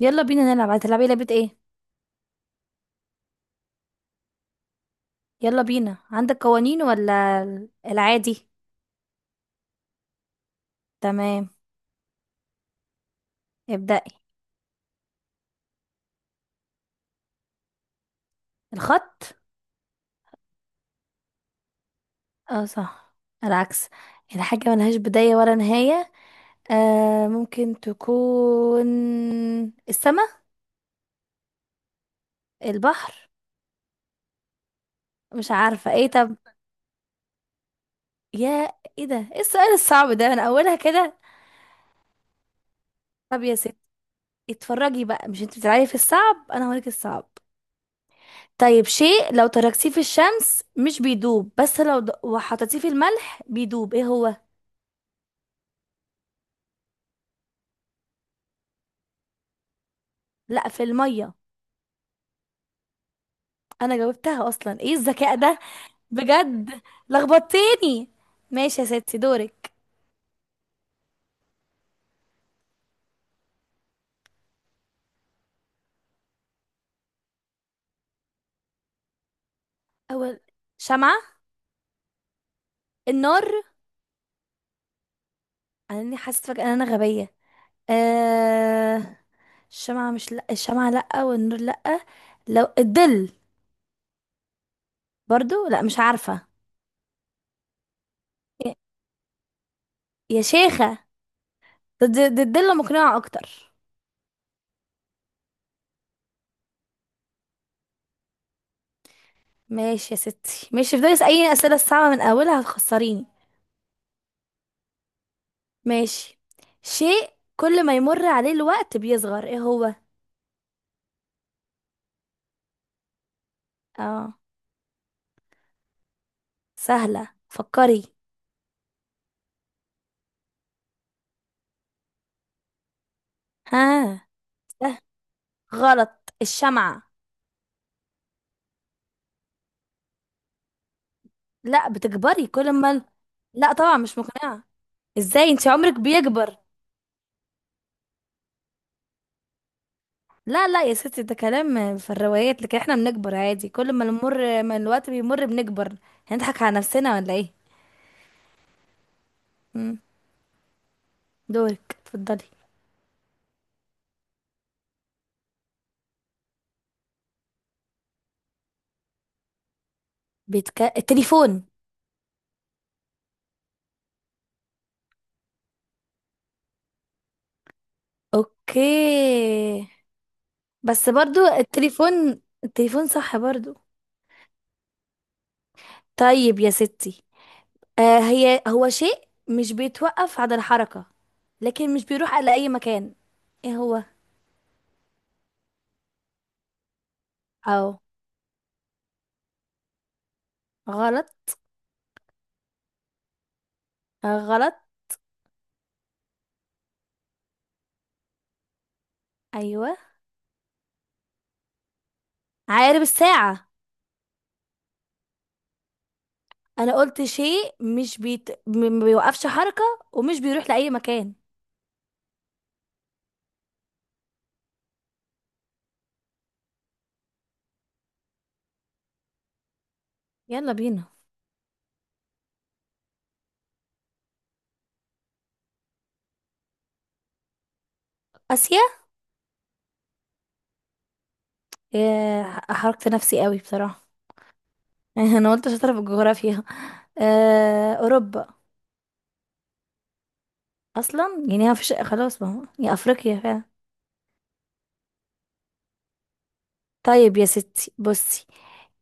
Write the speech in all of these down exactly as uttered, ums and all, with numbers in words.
يلا بينا نلعب. هتلعبي لعبة ايه؟ يلا بينا، عندك قوانين ولا ال- العادي؟ تمام. ابدأي. الخط. اه صح، العكس. الحاجة ملهاش بداية ولا نهاية. آه ممكن تكون السماء. البحر. مش عارفة ايه، طب. يا، ايه ده؟ ايه السؤال الصعب ده من اولها كده؟ طب يا ست، اتفرجي بقى، مش انت بتلعبي في الصعب؟ انا هوريك الصعب. طيب، شيء لو تركتيه في الشمس مش بيدوب، بس لو د... وحطيتيه في الملح بيدوب، ايه هو؟ لا، في المية. انا جاوبتها اصلا، ايه الذكاء ده بجد، لخبطتني. ماشي يا ستي، دورك. اول، شمعة. النار. انا اني حاسة فجأة ان انا غبية. آه... الشمعة مش، لا الشمعة لا والنور لا. لو الظل. برضو لا، مش عارفة. يا يا شيخة. ده ده- ده الظل مقنعة اكتر. ماشي يا ستي ماشي، افضلي اسأليني الأسئلة الصعبة من أولها هتخسريني. ماشي. شيء كل ما يمر عليه الوقت بيصغر، ايه هو؟ اه، سهلة فكري. ها. سهل، غلط الشمعة. لا، بتكبري كل ما ال- لا طبعا مش مقنعة. ازاي انت عمرك بيكبر؟ لا لا يا ستي، ده كلام في الروايات لكن احنا بنكبر عادي، كل ما نمر ما الوقت بيمر بنكبر. هنضحك على نفسنا ولا ايه؟ مم. دورك اتفضلي. بيتك... التليفون. اوكي. بس برضو التليفون، التليفون صح برضو. طيب يا ستي، آه هي هو شيء مش بيتوقف عند الحركة لكن مش بيروح على أي مكان، ايه هو؟ او، غلط. آه غلط. ايوه، عقارب الساعة. انا قلت شيء مش بيت... م- ما بيوقفش حركة ومش بيروح لأي مكان. يلا بينا. آسيا. ياه، حركت نفسي قوي بصراحة. انا قلت شاطرة في الجغرافيا. آه أوروبا. اصلا يعني ما فيش خلاص، ما هو يا افريقيا فعلا. طيب يا ستي بصي،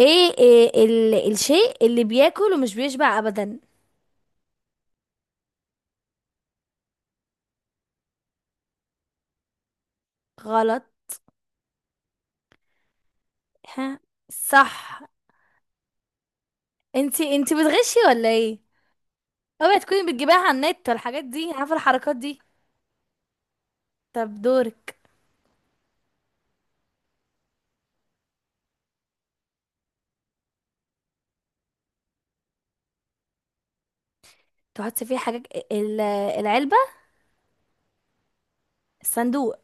ايه, إيه ال... الشيء اللي بياكل ومش بيشبع ابدا؟ غلط. ها، صح. انتي انتي بتغشي ولا ايه؟ اوعي تكوني بتجيبيها على النت والحاجات دي، عارفه الحركات دي. طب دورك. تحطي فيه حاجات، ال- العلبه. الصندوق.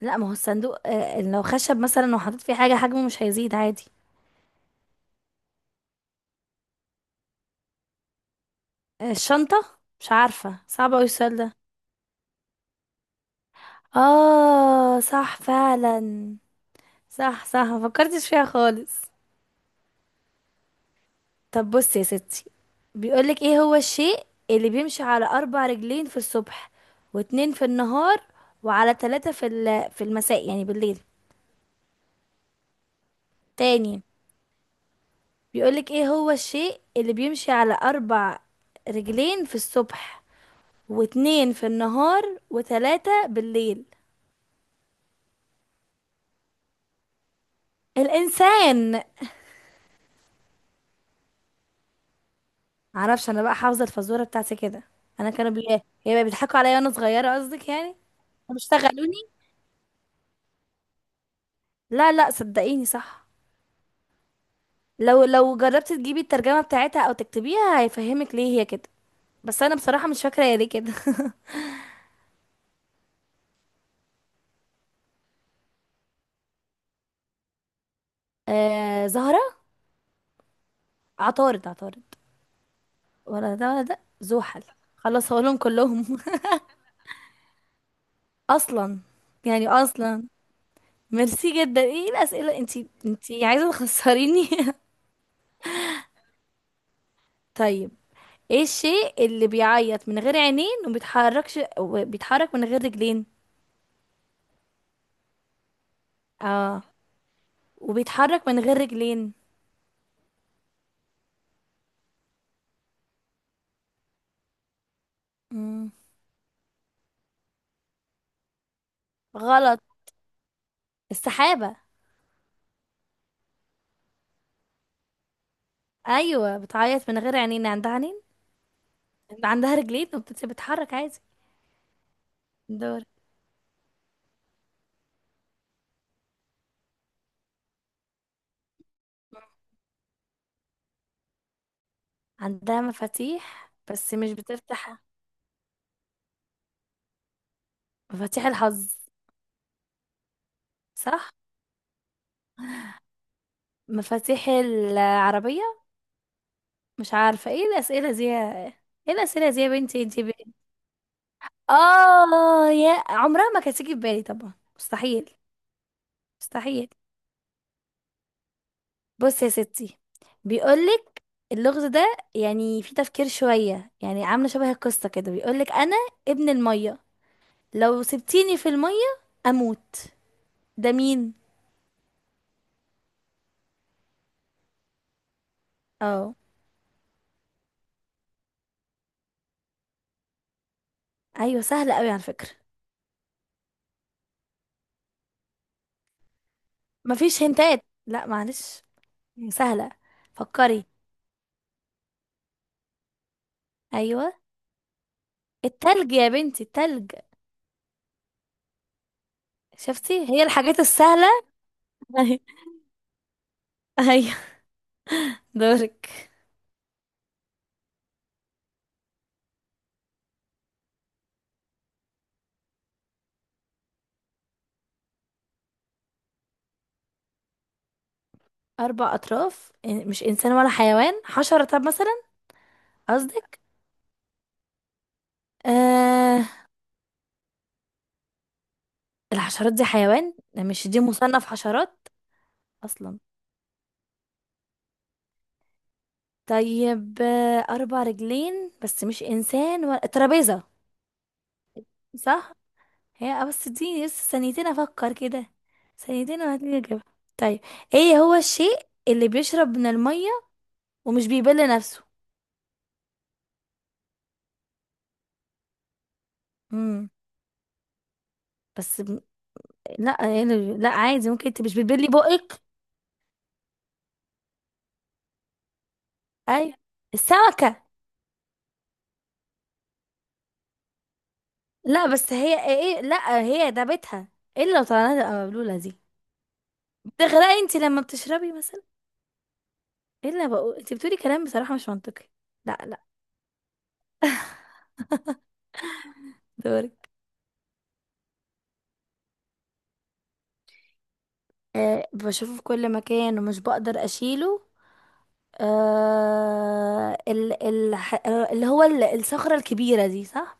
لا، ما هو الصندوق آه، لو خشب مثلا وحطيت فيه حاجه حجمه مش هيزيد عادي. آه، الشنطه، مش عارفه، صعب اوي السؤال ده. اه صح فعلا، صح صح ما فكرتش فيها خالص. طب بص يا ستي، بيقولك ايه هو الشيء اللي بيمشي على اربع رجلين في الصبح واتنين في النهار وعلى تلاتة في ال- في المساء، يعني بالليل. تاني. بيقولك ايه هو الشيء اللي بيمشي على اربع رجلين في الصبح واتنين في النهار وتلاتة بالليل. الانسان. معرفش، انا بقى حافظة الفزورة بتاعتي كده. انا كانوا بي... هي بقى بيضحكوا عليا وانا صغيرة قصدك يعني. هم اشتغلوني. لا لا صدقيني صح. لو لو جربتي تجيبي الترجمة بتاعتها او تكتبيها هيفهمك ليه هي كده، بس انا بصراحة مش فاكرة هي ليه كده. آه زهرة. عطارد عطارد. ولا ده ولا ده، زحل. خلاص هقولهم كلهم. اصلا، يعني اصلا ميرسي جدا، ايه الاسئلة، انتي انتي عايزة تخسريني. طيب، ايه الشيء اللي بيعيط من غير عينين وبيتحركش وبيتحرك من غير رجلين؟ اه، وبيتحرك من غير رجلين. مم. غلط. السحابة. ايوه، بتعيط من غير عينين، عندها عينين، عندها رجلين وبتتحرك عادي. دور. عندها مفاتيح بس مش بتفتح، مفاتيح الحظ. صح. مفاتيح العربية. مش عارفة ايه الأسئلة دي يا- ايه الأسئلة دي يا بنتي، انتي ب... اه، يا عمرها ما كانت تيجي في بالي طبعا، مستحيل، مستحيل. بص يا ستي بيقولك اللغز ده يعني فيه تفكير شوية، يعني عاملة شبه القصة كده، بيقولك أنا ابن المية، لو سبتيني في المية اموت، ده مين؟ اه. ايوه سهلة قوي على فكرة، مفيش هنتات لا معلش. سهلة، فكري. ايوه، التلج يا بنتي التلج. شفتي هي الحاجات السهلة. ايوه، دورك. اربع اطراف إن- مش انسان ولا حيوان، حشرة طب مثلا؟ قصدك، آه الحشرات دي حيوان، مش دي مصنف حشرات اصلا. طيب، آه، اربع رجلين بس مش انسان ولا ترابيزة. صح. هي، آه، بس اديني لسه ثانيتين افكر كده. ثانيتين وهتلاقيني اجيبها. طيب، ايه هو الشيء اللي بيشرب من الميه ومش بيبل نفسه؟ امم. بس ب... لا يعني، لا عادي، ممكن انت مش بتبلي بقك. اي السمكه. لا، بس هي ايه إيه، لا هي ده بيتها، الا لو طلعنا تبقى مبلوله دي. بتغرقي انت لما بتشربي مثلا؟ الا بقول انت بتقولي كلام بصراحه مش منطقي. لا لا، دورك. أه بشوفه في كل مكان ومش بقدر اشيله. آه ال ال اللي هو ال- الصخرة الكبيرة دي صح؟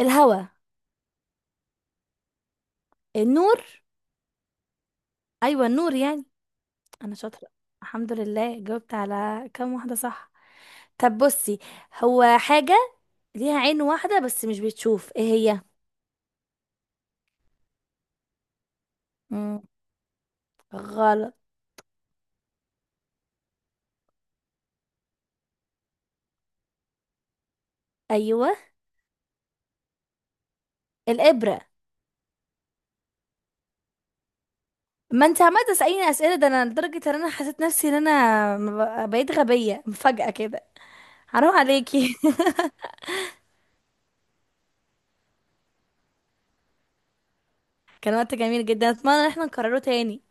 الهوا. النور. أيوة النور يعني. أنا شاطرة، الحمد لله جاوبت على كام واحدة صح. طب بصي، هو حاجة ليها عين واحدة بس مش بتشوف، ايه هي؟ مم. غلط. أيوة. الإبرة. ما انت عمالة تسأليني أسئلة، ده أنا لدرجة إن أنا حسيت نفسي إن أنا ب- بقيت غبية مفاجأة كده، حرام عليكي. كان وقت جميل جدا، أتمنى إن احنا نكرره تاني.